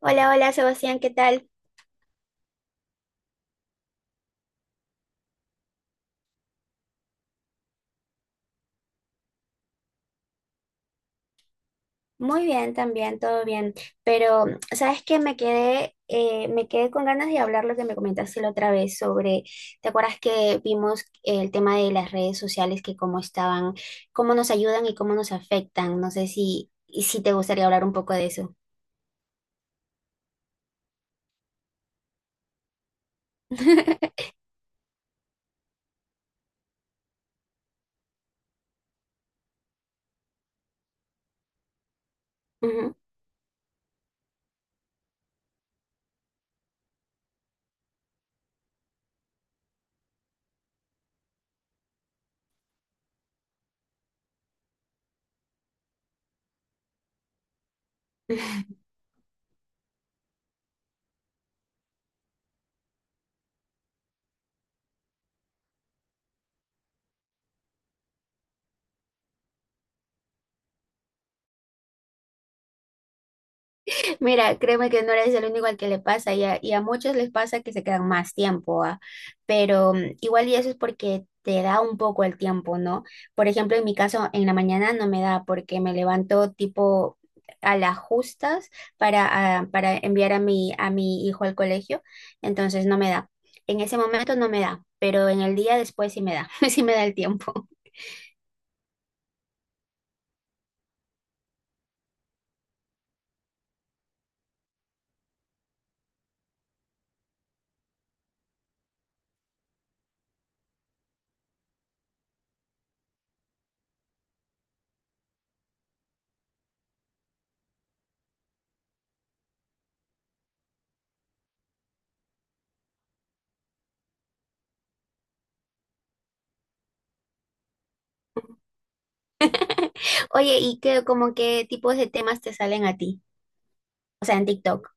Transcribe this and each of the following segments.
Hola, hola Sebastián, ¿qué tal? Muy bien también, todo bien. Pero, ¿sabes qué? Me quedé con ganas de hablar lo que me comentaste la otra vez sobre, ¿te acuerdas que vimos el tema de las redes sociales, que cómo estaban, cómo nos ayudan y cómo nos afectan? No sé si te gustaría hablar un poco de eso. Ujú. Mira, créeme que no eres el único al que le pasa y a muchos les pasa que se quedan más tiempo, ¿ah? Pero igual y eso es porque te da un poco el tiempo, ¿no? Por ejemplo, en mi caso, en la mañana no me da porque me levanto tipo a las justas para, para enviar a mi hijo al colegio, entonces no me da. En ese momento no me da, pero en el día después sí me da, sí me da el tiempo. Oye, ¿y qué, como qué tipos de temas te salen a ti? O sea, en TikTok.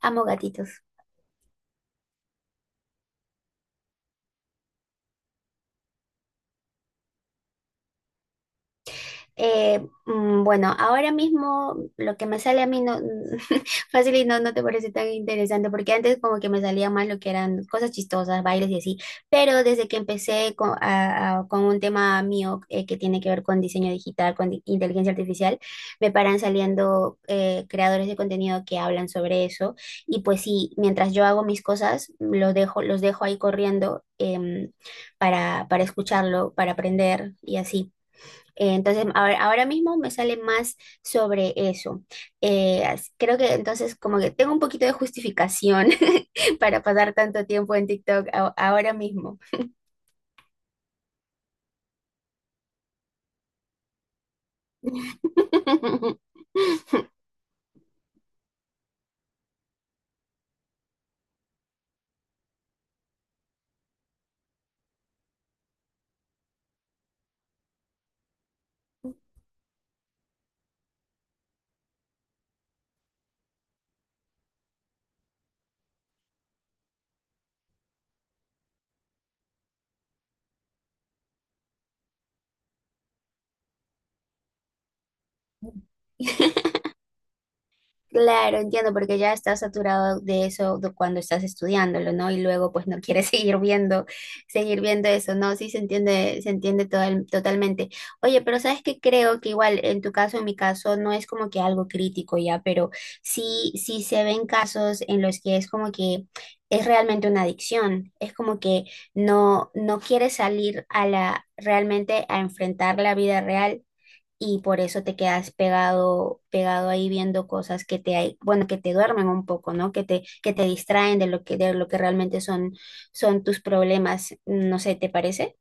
Amo gatitos. Eh, bueno, ahora mismo lo que me sale a mí no fácil y no te parece tan interesante, porque antes como que me salía más lo que eran cosas chistosas, bailes y así, pero desde que empecé con un tema mío que tiene que ver con diseño digital, con inteligencia artificial, me paran saliendo creadores de contenido que hablan sobre eso, y pues sí, mientras yo hago mis cosas, los dejo ahí corriendo para escucharlo, para aprender y así. Entonces, ahora mismo me sale más sobre eso. Creo que entonces como que tengo un poquito de justificación para pasar tanto tiempo en TikTok ahora mismo. Claro, entiendo, porque ya estás saturado de eso de cuando estás estudiándolo, ¿no? Y luego pues no quieres seguir viendo, eso, ¿no? Sí se entiende, totalmente. Oye, pero sabes que creo que igual en tu caso, en mi caso, no es como que algo crítico ya, pero sí se ven casos en los que es como que es realmente una adicción. Es como que no quieres salir a la, realmente a enfrentar la vida real, y por eso te quedas pegado, ahí viendo cosas que te hay, bueno, que te duermen un poco, ¿no? Que te distraen de lo que realmente son, son tus problemas. No sé, ¿te parece?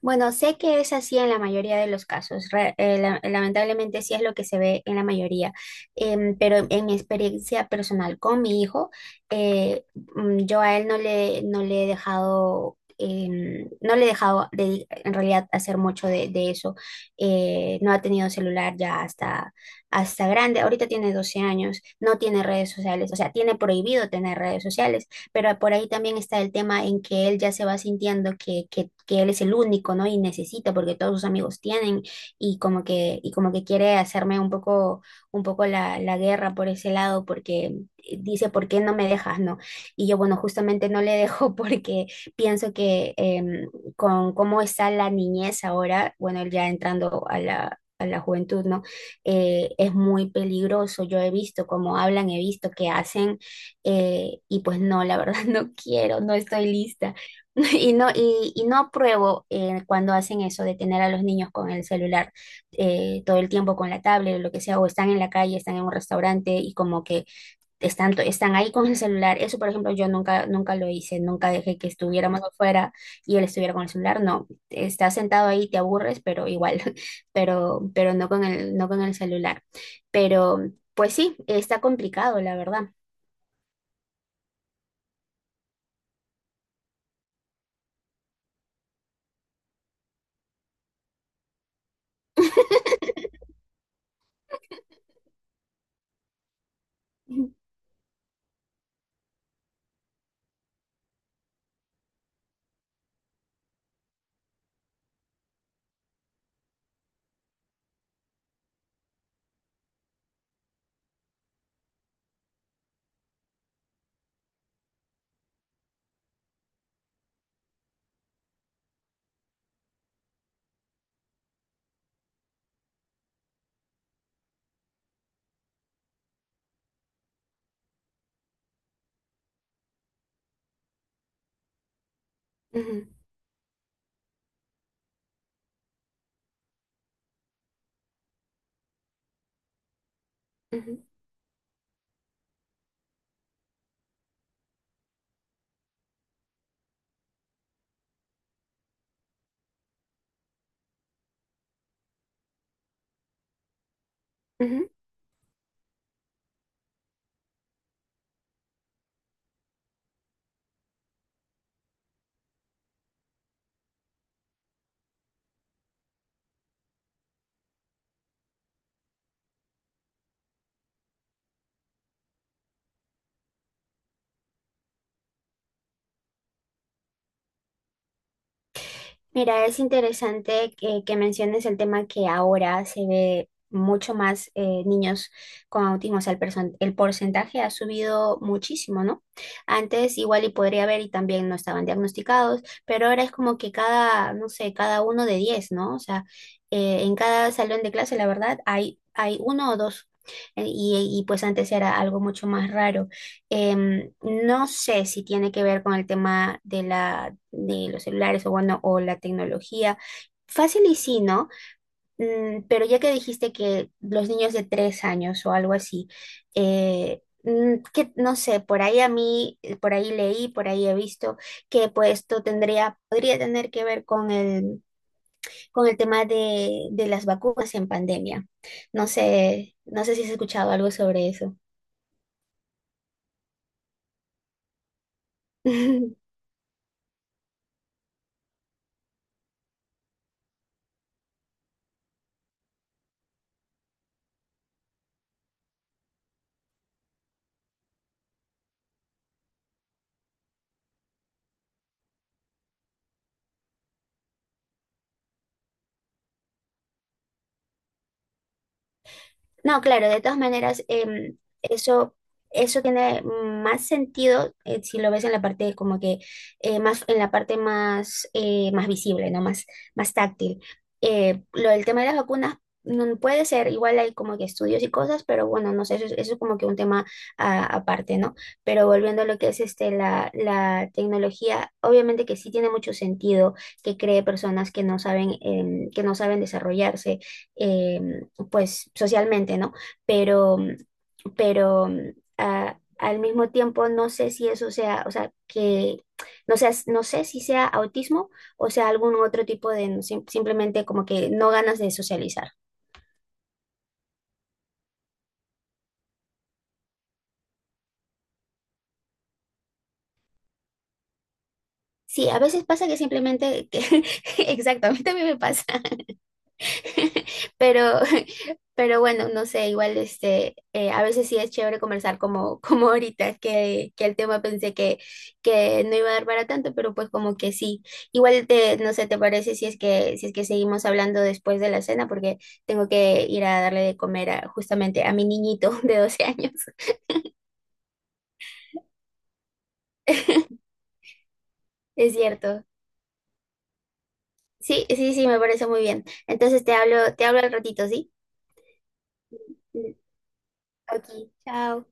Bueno, sé que es así en la mayoría de los casos. Lamentablemente sí es lo que se ve en la mayoría. Pero en mi experiencia personal con mi hijo, eh, yo a él no le he dejado, no le he dejado en realidad hacer mucho de eso. No ha tenido celular ya hasta grande. Ahorita tiene 12 años, no tiene redes sociales, o sea, tiene prohibido tener redes sociales, pero por ahí también está el tema en que él ya se va sintiendo que él es el único, ¿no? Y necesita, porque todos sus amigos tienen, y como que quiere hacerme un poco la, la guerra por ese lado, porque dice, ¿por qué no me dejas, no? Y yo, bueno, justamente no le dejo porque pienso que con cómo está la niñez ahora, bueno, él ya entrando a la juventud, ¿no? Es muy peligroso. Yo he visto cómo hablan, he visto que hacen, y pues no, la verdad no quiero, no estoy lista. Y no, y no apruebo cuando hacen eso de tener a los niños con el celular todo el tiempo, con la tablet o lo que sea, o están en la calle, están en un restaurante y como que están, están ahí con el celular. Eso, por ejemplo, yo nunca, nunca lo hice, nunca dejé que estuviéramos afuera y él estuviera con el celular. No, estás sentado ahí, te aburres, pero igual, pero no con el, no con el celular. Pero pues sí, está complicado, la verdad. Ujú, ujú. Mira, es interesante que menciones el tema que ahora se ve mucho más niños con autismo, o sea, el porcentaje ha subido muchísimo, ¿no? Antes igual y podría haber y también no estaban diagnosticados, pero ahora es como que cada, no sé, cada uno de diez, ¿no? O sea, en cada salón de clase, la verdad, hay 1 o 2. Y pues antes era algo mucho más raro. No sé si tiene que ver con el tema de la, de los celulares o bueno, o la tecnología. Fácil y sí, ¿no? Pero ya que dijiste que los niños de 3 años o algo así, que no sé, por ahí a mí, por ahí leí, por ahí he visto que pues esto tendría, podría tener que ver con el tema de las vacunas en pandemia. No sé, no sé si has escuchado algo sobre eso. No, claro, de todas maneras, eso, eso tiene más sentido si lo ves en la parte como que en la parte más, más visible, ¿no? Más, más táctil. Lo del tema de las vacunas no puede ser, igual hay como que estudios y cosas, pero bueno, no sé, eso es como que un tema aparte, ¿no? Pero volviendo a lo que es este, la tecnología, obviamente que sí tiene mucho sentido que cree personas que no saben, que no saben desarrollarse em, pues socialmente, ¿no? Pero, pero al mismo tiempo no sé si eso sea, o sea, que no sé, no sé si sea autismo o sea algún otro tipo de no, simplemente como que no ganas de socializar. Sí, a veces pasa que simplemente, que- exacto, a mí también me pasa, pero. Pero bueno, no sé, igual este, a veces sí es chévere conversar como, como ahorita, que el tema pensé que no iba a dar para tanto, pero pues como que sí. Igual te, no sé, ¿te parece si es que, si es que seguimos hablando después de la cena? Porque tengo que ir a darle de comer justamente a mi niñito de 12 años. Es cierto. Sí, sí, sí, me parece muy bien. Entonces te hablo al ratito, ¿sí? Mm, Ok, chao.